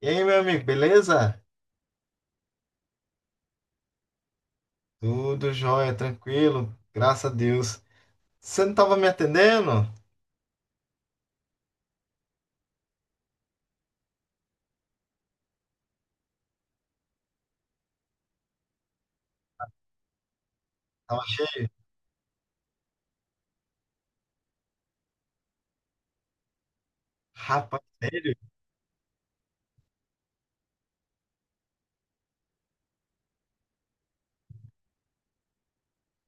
E aí, meu amigo, beleza? Tudo jóia, tranquilo, graças a Deus. Você não tava me atendendo? Tava... Rapaz, sério?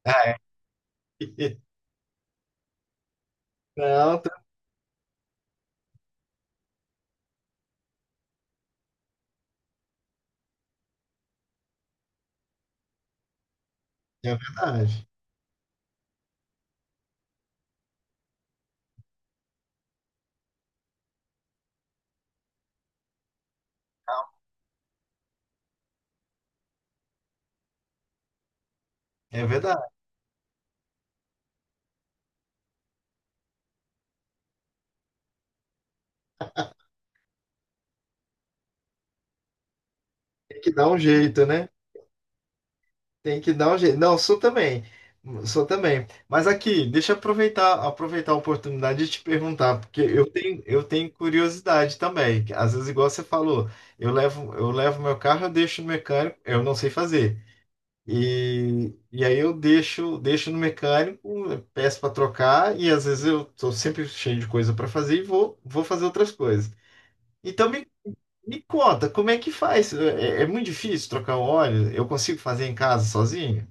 Ah, é. Não, é verdade. É verdade. Tem que dar um jeito, né? Tem que dar um jeito. Não, sou também. Sou também. Mas aqui, deixa eu aproveitar a oportunidade de te perguntar, porque eu tenho curiosidade também. Às vezes, igual você falou, eu levo meu carro, eu deixo no mecânico, eu não sei fazer. E aí deixo no mecânico, peço para trocar e às vezes eu estou sempre cheio de coisa para fazer e vou fazer outras coisas. Então me conta, como é que faz? É muito difícil trocar o óleo? Eu consigo fazer em casa sozinho?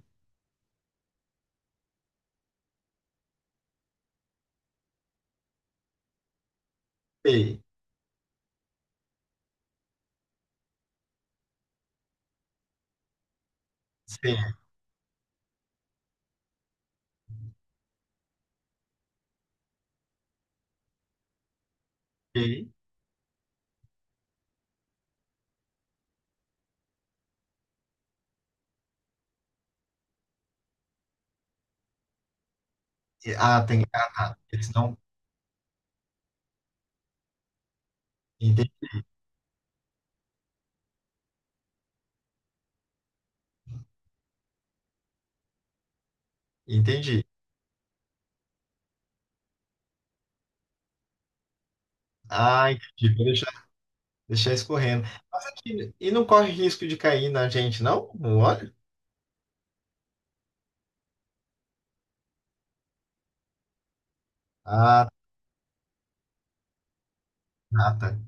Sei, sei, sei. Ah, tem. Ah, tá. Eles não. Entendi. Entendi. Ah, entendi. Vou deixar escorrendo. Mas aqui, e não corre risco de cair na gente, não? O óleo? Ah, tá. Tá.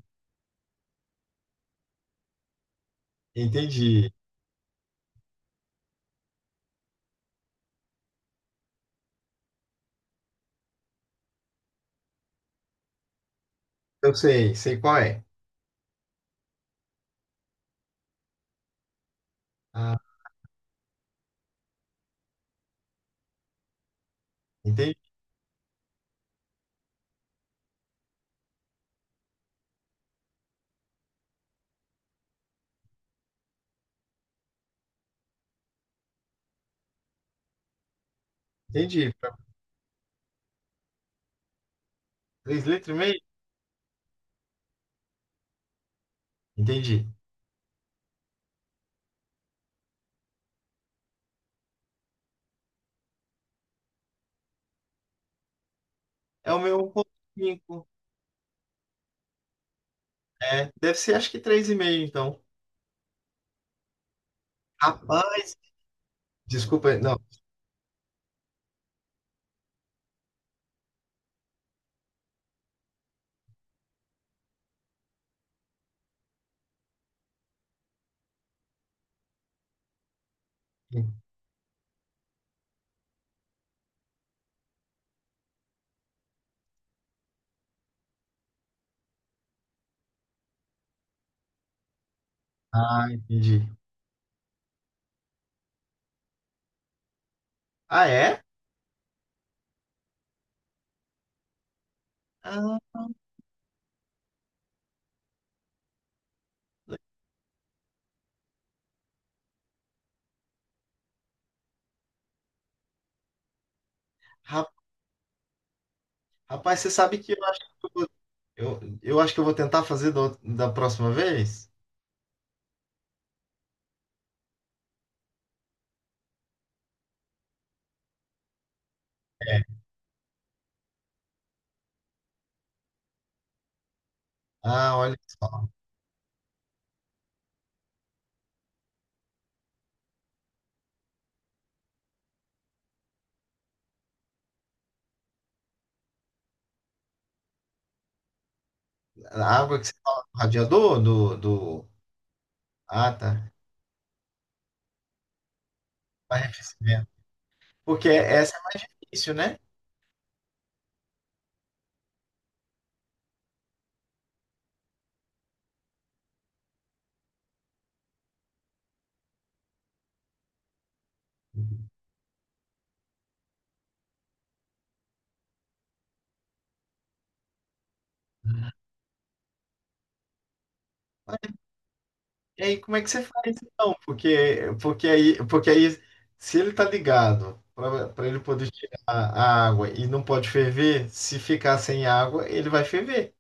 Entendi. Eu sei qual é. Ah, entendi, entendi. 3,5 litros? Entendi. É o meu 1.5. É, deve ser acho que 3,5 então. Rapaz, desculpa, não. Ah, entendi. Ah, é? Ah, ra- rapaz, você sabe que eu acho que eu vou tentar fazer da próxima vez? É. Ah, olha só. A água que você fala do radiador, do... Ah, tá. Arrefecimento. Porque essa é o início, né? E aí, como é que você faz então? Porque aí, se ele tá ligado para ele poder tirar a água e não pode ferver, se ficar sem água, ele vai ferver.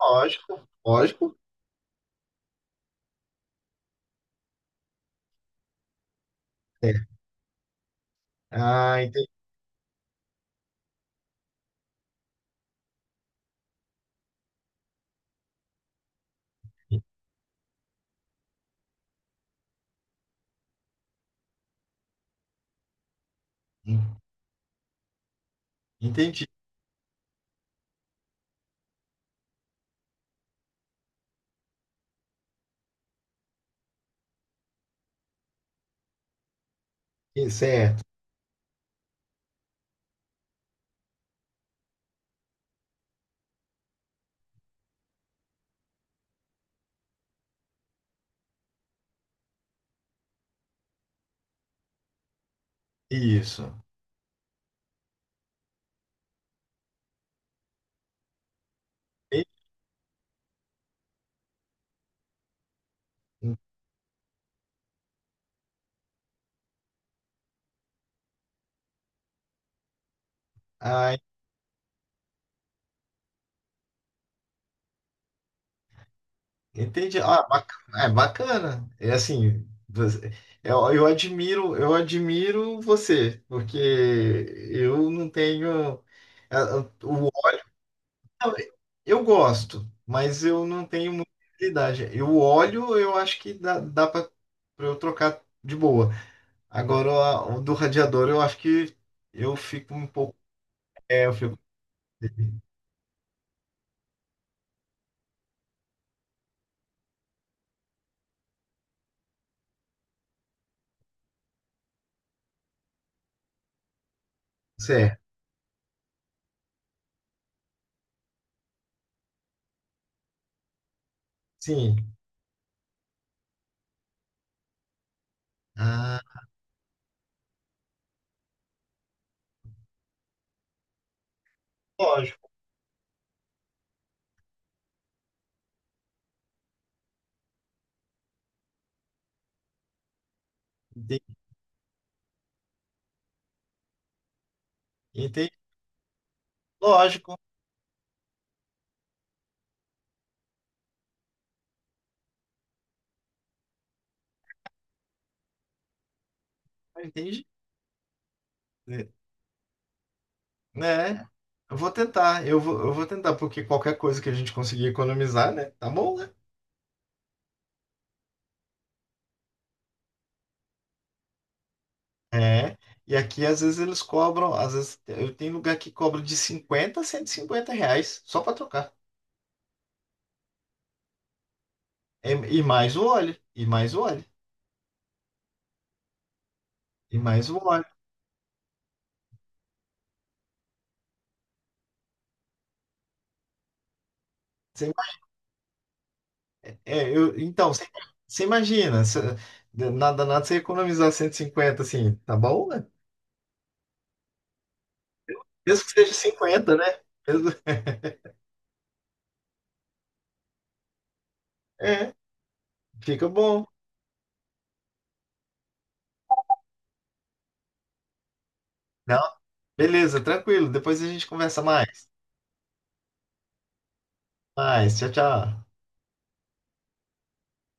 Lógico, lógico. É. Ah, entendi. Entendi. Certo. Isso. Entendi. Ah, entendi. Ah, bacana. É bacana. Eu admiro você, porque eu não tenho. Não, eu gosto, mas eu não tenho muita habilidade. Eu olho, eu acho que dá para eu trocar de boa. Agora, o do radiador, eu acho que eu fico um pouco. É, eu fico. Certo, sim. Ah, lógico. Entendi. Entendi. Lógico, entendi. Né? Eu vou tentar, porque qualquer coisa que a gente conseguir economizar, né? Tá bom, né? É, e aqui às vezes eles cobram, às vezes eu tenho lugar que cobra de 50 a R$ 150 só para trocar. É, e mais o óleo, e mais o óleo, e mais o óleo. Você ima- é, eu, então, você, você imagina, nada, nada você economizar 150 assim, tá bom, né? Mesmo que seja 50, né? Mesmo- é, fica bom. Não, beleza, tranquilo. Depois a gente conversa mais. Mais, tchau, tchau.